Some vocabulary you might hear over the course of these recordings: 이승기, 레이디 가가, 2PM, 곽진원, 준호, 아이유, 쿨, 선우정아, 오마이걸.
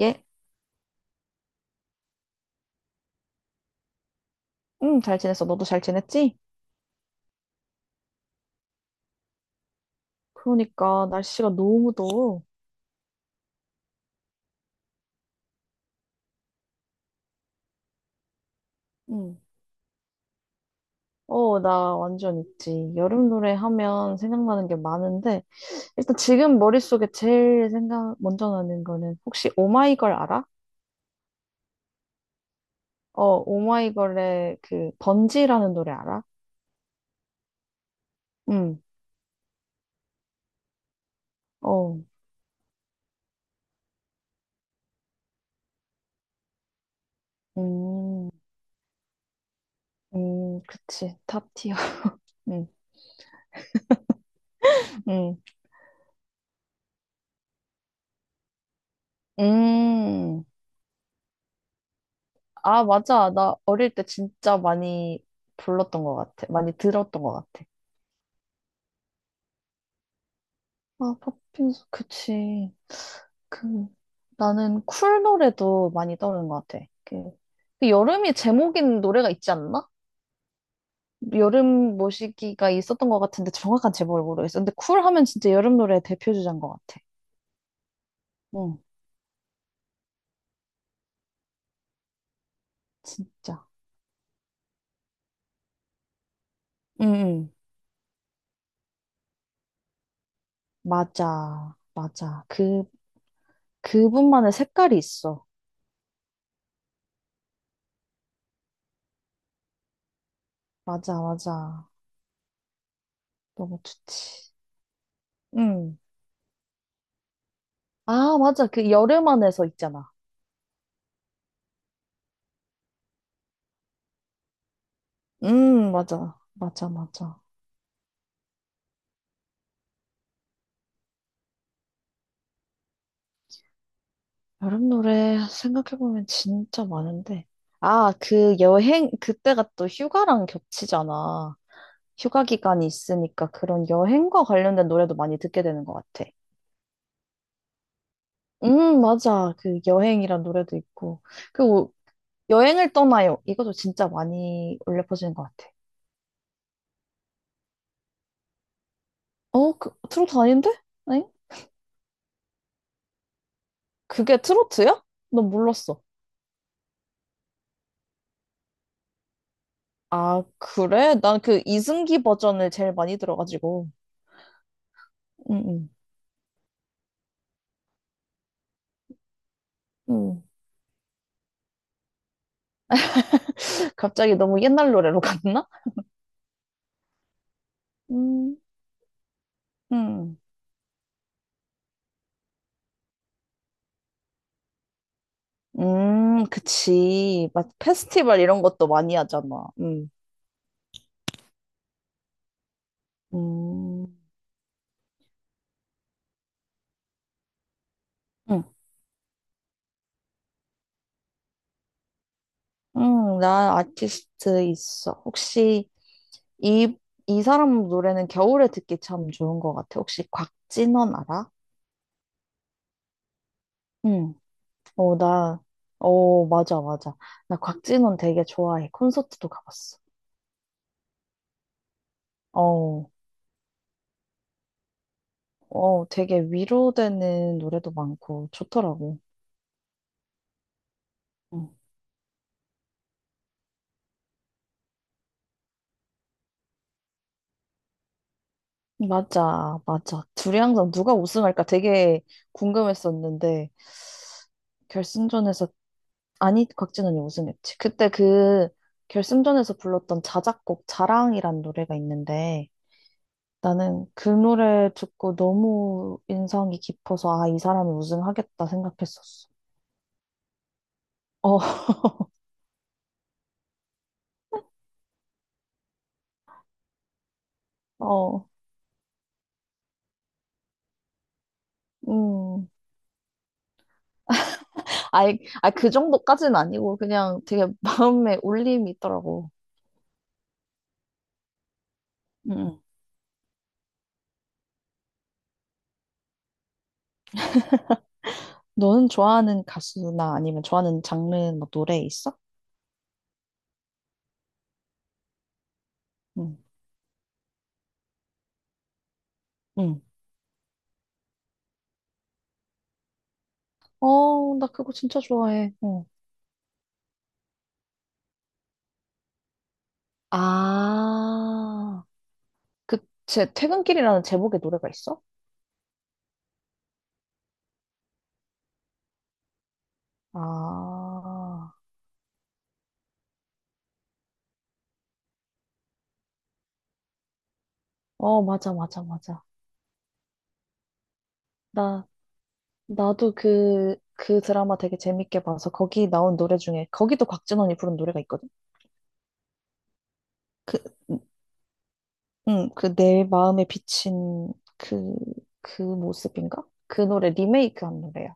예? 응, 잘 지냈어. 너도 잘 지냈지? 그러니까 날씨가 너무 더워. 응. 나 완전 있지. 여름 노래 하면 생각나는 게 많은데 일단 지금 머릿속에 제일 생각 먼저 나는 거는 혹시 오마이걸 알아? 오마이걸의 그 번지라는 노래 알아? 응. 어. 음. 그치. 탑티어. 응. 응. 음. 아, 맞아. 나 어릴 때 진짜 많이 불렀던 것 같아. 많이 들었던 것 같아. 아, 팝핀스, 그치. 그, 나는 쿨 노래도 많이 떠오르는 것 같아. 그, 그 여름이 제목인 노래가 있지 않나? 여름 모시기가 있었던 것 같은데 정확한 제목을 모르겠어. 근데 쿨 하면 진짜 여름 노래의 대표주자인 것 같아. 응, 진짜. 응, 응. 맞아, 맞아. 그, 그분만의 색깔이 있어. 맞아, 맞아. 너무 좋지. 응. 아, 맞아. 그 여름 안에서 있잖아. 맞아. 맞아, 맞아. 여름 노래 생각해보면 진짜 많은데. 아, 그 여행, 그때가 또 휴가랑 겹치잖아. 휴가 기간이 있으니까 그런 여행과 관련된 노래도 많이 듣게 되는 것 같아. 맞아. 그 여행이란 노래도 있고. 그리고 여행을 떠나요. 이것도 진짜 많이 울려 퍼지는 것 같아. 어, 그, 트로트 아닌데? 아니? 그게 트로트야? 난 몰랐어. 아, 그래? 난 그 이승기 버전을 제일 많이 들어가지고. 응, 응. 응. 갑자기 너무 옛날 노래로 갔나? 음, 음, 그치. 막 페스티벌 이런 것도 많이 하잖아. 음, 음, 나 아티스트 있어. 혹시 이, 이 사람 노래는 겨울에 듣기 참 좋은 것 같아. 혹시 곽진원 알아? 응. 어, 나, 어, 맞아, 맞아. 나 곽진원 되게 좋아해. 콘서트도 가봤어. 어, 어, 되게 위로되는 노래도 많고 좋더라고. 음. 맞아, 맞아. 둘이 항상 누가 우승할까 되게 궁금했었는데, 결승전에서, 아니, 곽진원이 우승했지. 그때 그 결승전에서 불렀던 자작곡 자랑이란 노래가 있는데, 나는 그 노래 듣고 너무 인상이 깊어서, 아, 이 사람이 우승하겠다 생각했었어. 어, 어, 음. 아이, 아, 그 정도까지는 아니고, 그냥 되게 마음에 울림이 있더라고. 음. 너는 좋아하는 가수나 아니면 좋아하는 장르 뭐 노래 있어? 응. 응. 어, 나 그거 진짜 좋아해. 어. 아, 그, 제 퇴근길이라는 제목의 노래가 있어? 아, 어, 맞아, 맞아, 맞아. 나, 나도 그, 그 드라마 되게 재밌게 봐서 거기 나온 노래 중에, 거기도 곽진원이 부른 노래가 있거든? 그, 응, 그 내 마음에 비친 그, 그 모습인가? 그 노래 리메이크한 노래야.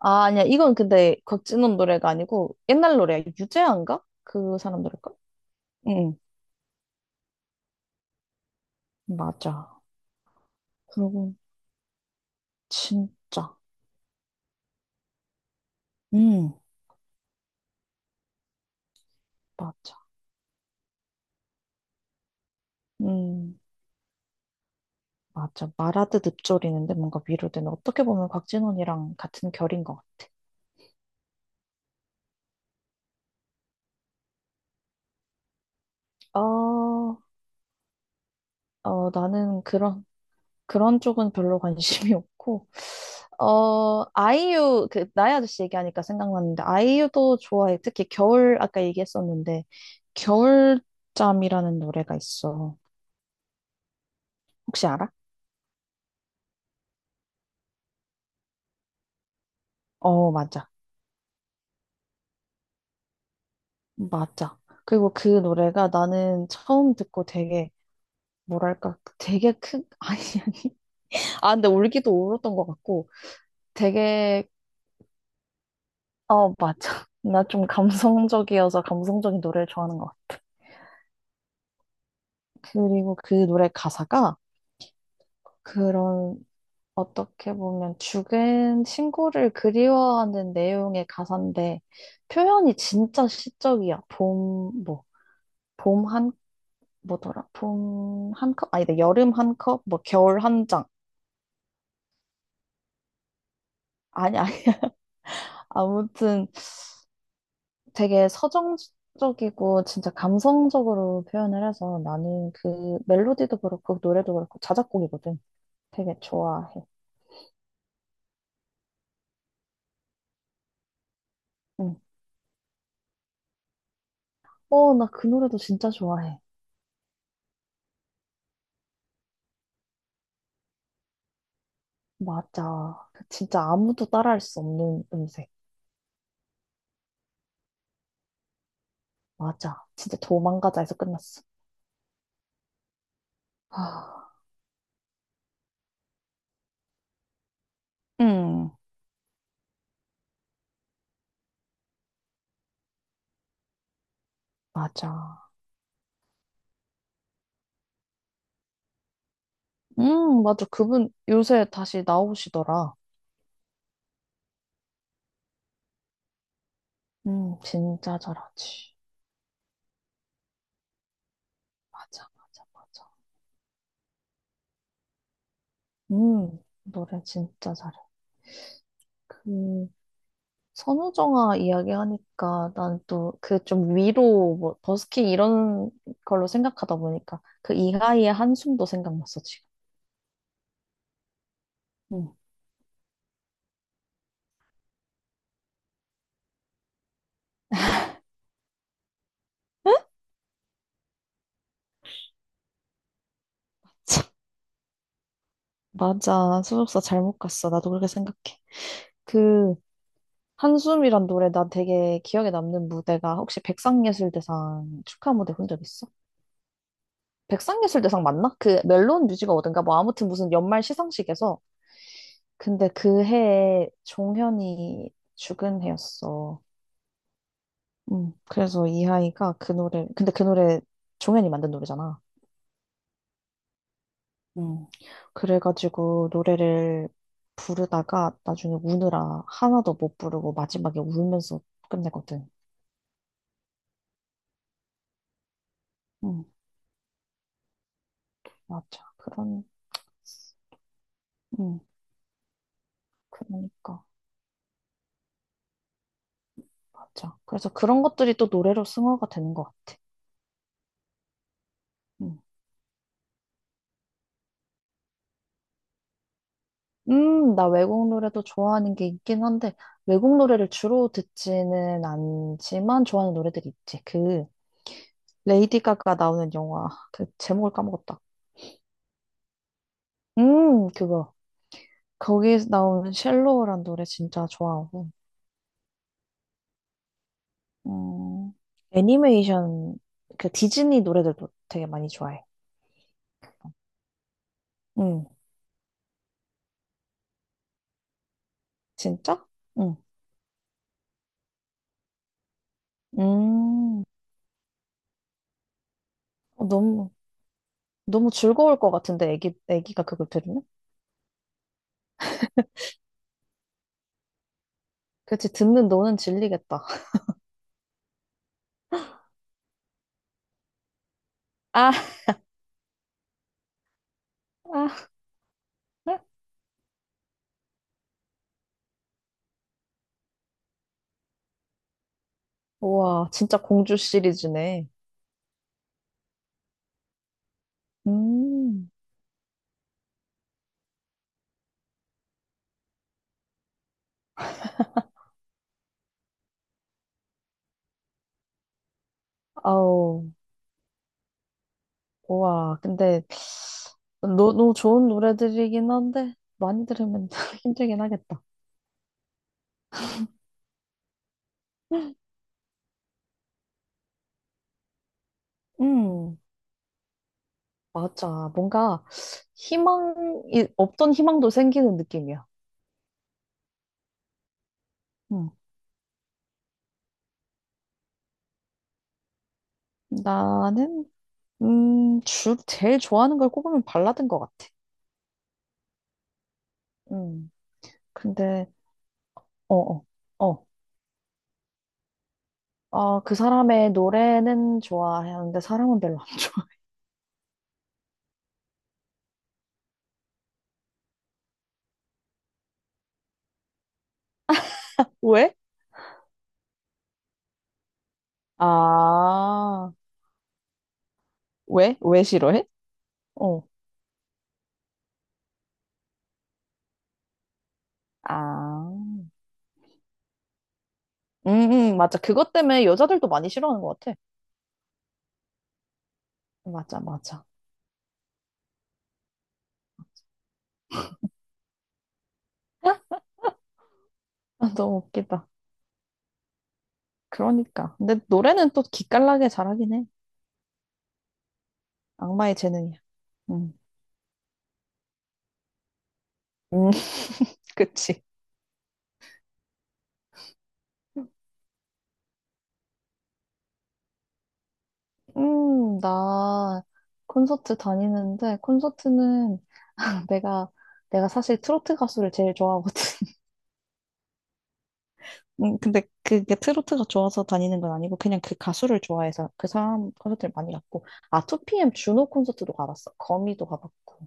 아, 아니야. 이건 근데 곽진원 노래가 아니고 옛날 노래야. 유재하인가? 그 사람 노래일까? 응. 맞아. 그리고 진짜. 음, 맞아. 음, 맞아. 말하듯 읊조리는데 뭔가 위로되는. 어떻게 보면 곽진원이랑 같은 결인 것 같아. 어, 어, 나는 그런 그런 쪽은 별로 관심이 없고, 어, 아이유, 그, 나의 아저씨 얘기하니까 생각났는데, 아이유도 좋아해. 특히 겨울, 아까 얘기했었는데, 겨울잠이라는 노래가 있어. 혹시 알아? 어, 맞아. 맞아. 그리고 그 노래가 나는 처음 듣고 되게, 뭐랄까, 되게 큰, 아니, 아니. 아, 근데 울기도 울었던 것 같고, 되게, 어, 맞아. 나 좀 감성적이어서 감성적인 노래를 좋아하는 것 같아. 그리고 그 노래 가사가, 그런 어떻게 보면 죽은 친구를 그리워하는 내용의 가사인데 표현이 진짜 시적이야. 봄, 뭐, 봄 한, 뭐더라? 봄 한 컵? 아니다. 여름 한 컵? 뭐, 겨울 한 장. 아니, 아니. 아무튼 되게 서정적이고 진짜 감성적으로 표현을 해서 나는 그 멜로디도 그렇고 노래도 그렇고 자작곡이거든. 되게 좋아해. 응. 어, 나 그 노래도 진짜 좋아해. 맞아. 진짜 아무도 따라할 수 없는 음색. 맞아. 진짜 도망가자에서 끝났어. 아, 음, 맞아. 맞아. 그분 요새 다시 나오시더라. 진짜 잘하지. 맞아, 맞아, 맞아. 노래 진짜 잘해. 그, 선우정아 이야기하니까 난 또 그 좀 위로 뭐 버스킹 이런 걸로 생각하다 보니까 그 이하이의 한숨도 생각났어, 지금. 음. 맞아. 소속사 잘못 갔어. 나도 그렇게 생각해. 그 한숨이란 노래 나 되게 기억에 남는 무대가 혹시 백상예술대상 축하 무대 본 적 있어? 백상예술대상 맞나? 그 멜론 뮤직 어든가 뭐 아무튼 무슨 연말 시상식에서 근데 그 해에 종현이 죽은 해였어. 음. 그래서 이하이가 그 노래 근데 그 노래 종현이 만든 노래잖아. 음, 그래가지고 노래를 부르다가 나중에 우느라 하나도 못 부르고 마지막에 울면서 끝내거든. 음, 맞아. 그런, 음, 그러니까. 맞아. 그래서 그런 것들이 또 노래로 승화가 되는 것 같아. 음, 나 외국 노래도 좋아하는 게 있긴 한데, 외국 노래를 주로 듣지는 않지만 좋아하는 노래들이 있지. 그, 레이디 가가 나오는 영화, 그 제목을 까먹었다. 그거. 거기에서 나오는 쉘로우란 노래 진짜 좋아하고, 음, 애니메이션, 그 디즈니 노래들도 되게 많이 좋아해. 응, 진짜? 응. 음, 어, 너무, 너무 즐거울 것 같은데, 애기, 애기가 그걸 들으면? 그치, 듣는 너는 질리겠다. 아, 아, 우와, 진짜 공주 시리즈네. 음, 아우, 우와, 근데, 너, 너무 좋은 노래들이긴 한데, 많이 들으면 힘들긴 하겠다. 음. 맞아. 뭔가 희망이, 없던 희망도 생기는 느낌이야. 음. 나는, 주, 제일 좋아하는 걸 꼽으면 발라드인 것 같아. 음. 근데, 어, 어, 어. 아, 그 사람의 노래는 좋아하는데 사람은 별로 안 좋아. 왜? 아, 왜? 왜 싫어해? 어. 아, 맞아. 그것 때문에 여자들도 많이 싫어하는 것 같아. 맞아, 맞아. 아, 너무 웃기다. 그러니까. 근데 노래는 또 기깔나게 잘하긴 해. 악마의 재능이야. 응. 음, 그치. 나 콘서트 다니는데, 콘서트는 내가, 내가 사실 트로트 가수를 제일 좋아하거든. 근데 그게 트로트가 좋아서 다니는 건 아니고, 그냥 그 가수를 좋아해서 그 사람 콘서트를 많이 갔고, 아, 2PM 준호 콘서트도 가봤어. 거미도 가봤고.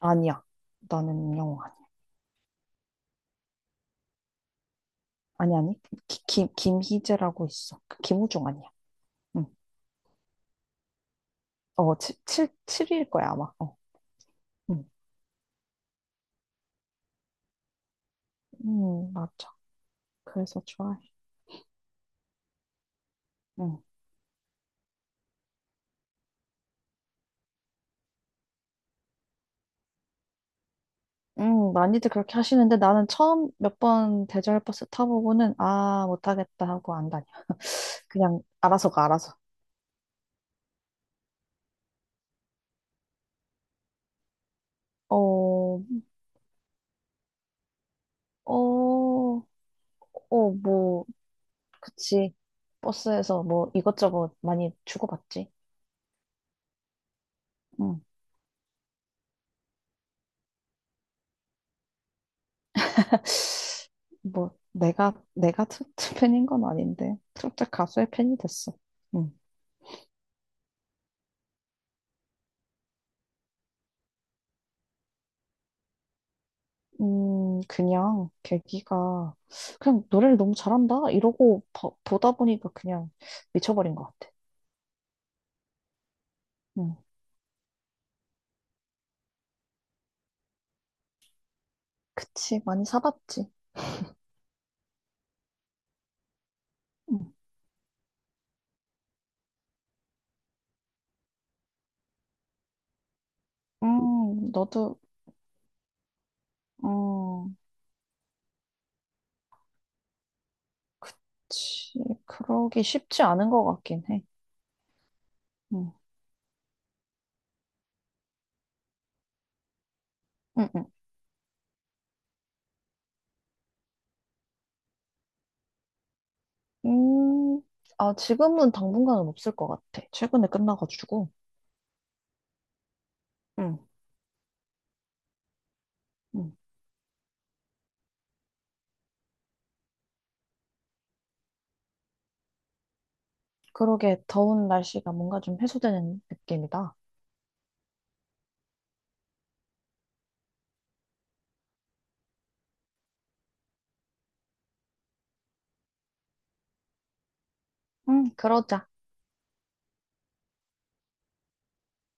아니야. 나는 영호 아니야. 아니, 아니. 기, 김, 김희재라고 있어. 그 김우중 아니야. 응. 어, 7, 77일 거야, 아마. 어. 응. 맞아. 그래서 좋아해. 응. 응, 많이들 그렇게 하시는데 나는 처음 몇 번 대절 버스 타보고는 아, 못하겠다 하고 안 다녀. 그냥 알아서 가, 알아서. 어, 어, 어, 뭐, 그치. 버스에서 뭐 이것저것 많이 주고받지. 응. 뭐, 내가 트로트 팬인 건 아닌데. 트로트 가수의 팬이 됐어. 응. 그냥 계기가 그냥 노래를 너무 잘한다 이러고 봐- 보다 보니까 그냥 미쳐버린 것 같아. 음, 그치, 많이 사봤지. 음, 너도 음, 그치 그러기 쉽지 않은 것 같긴 해. 음, 음 음, 음, 아, 지금은 당분간은 없을 것 같아. 최근에 끝나가지고 음, 음, 그러게, 더운 날씨가 뭔가 좀 해소되는 느낌이다. 그러자.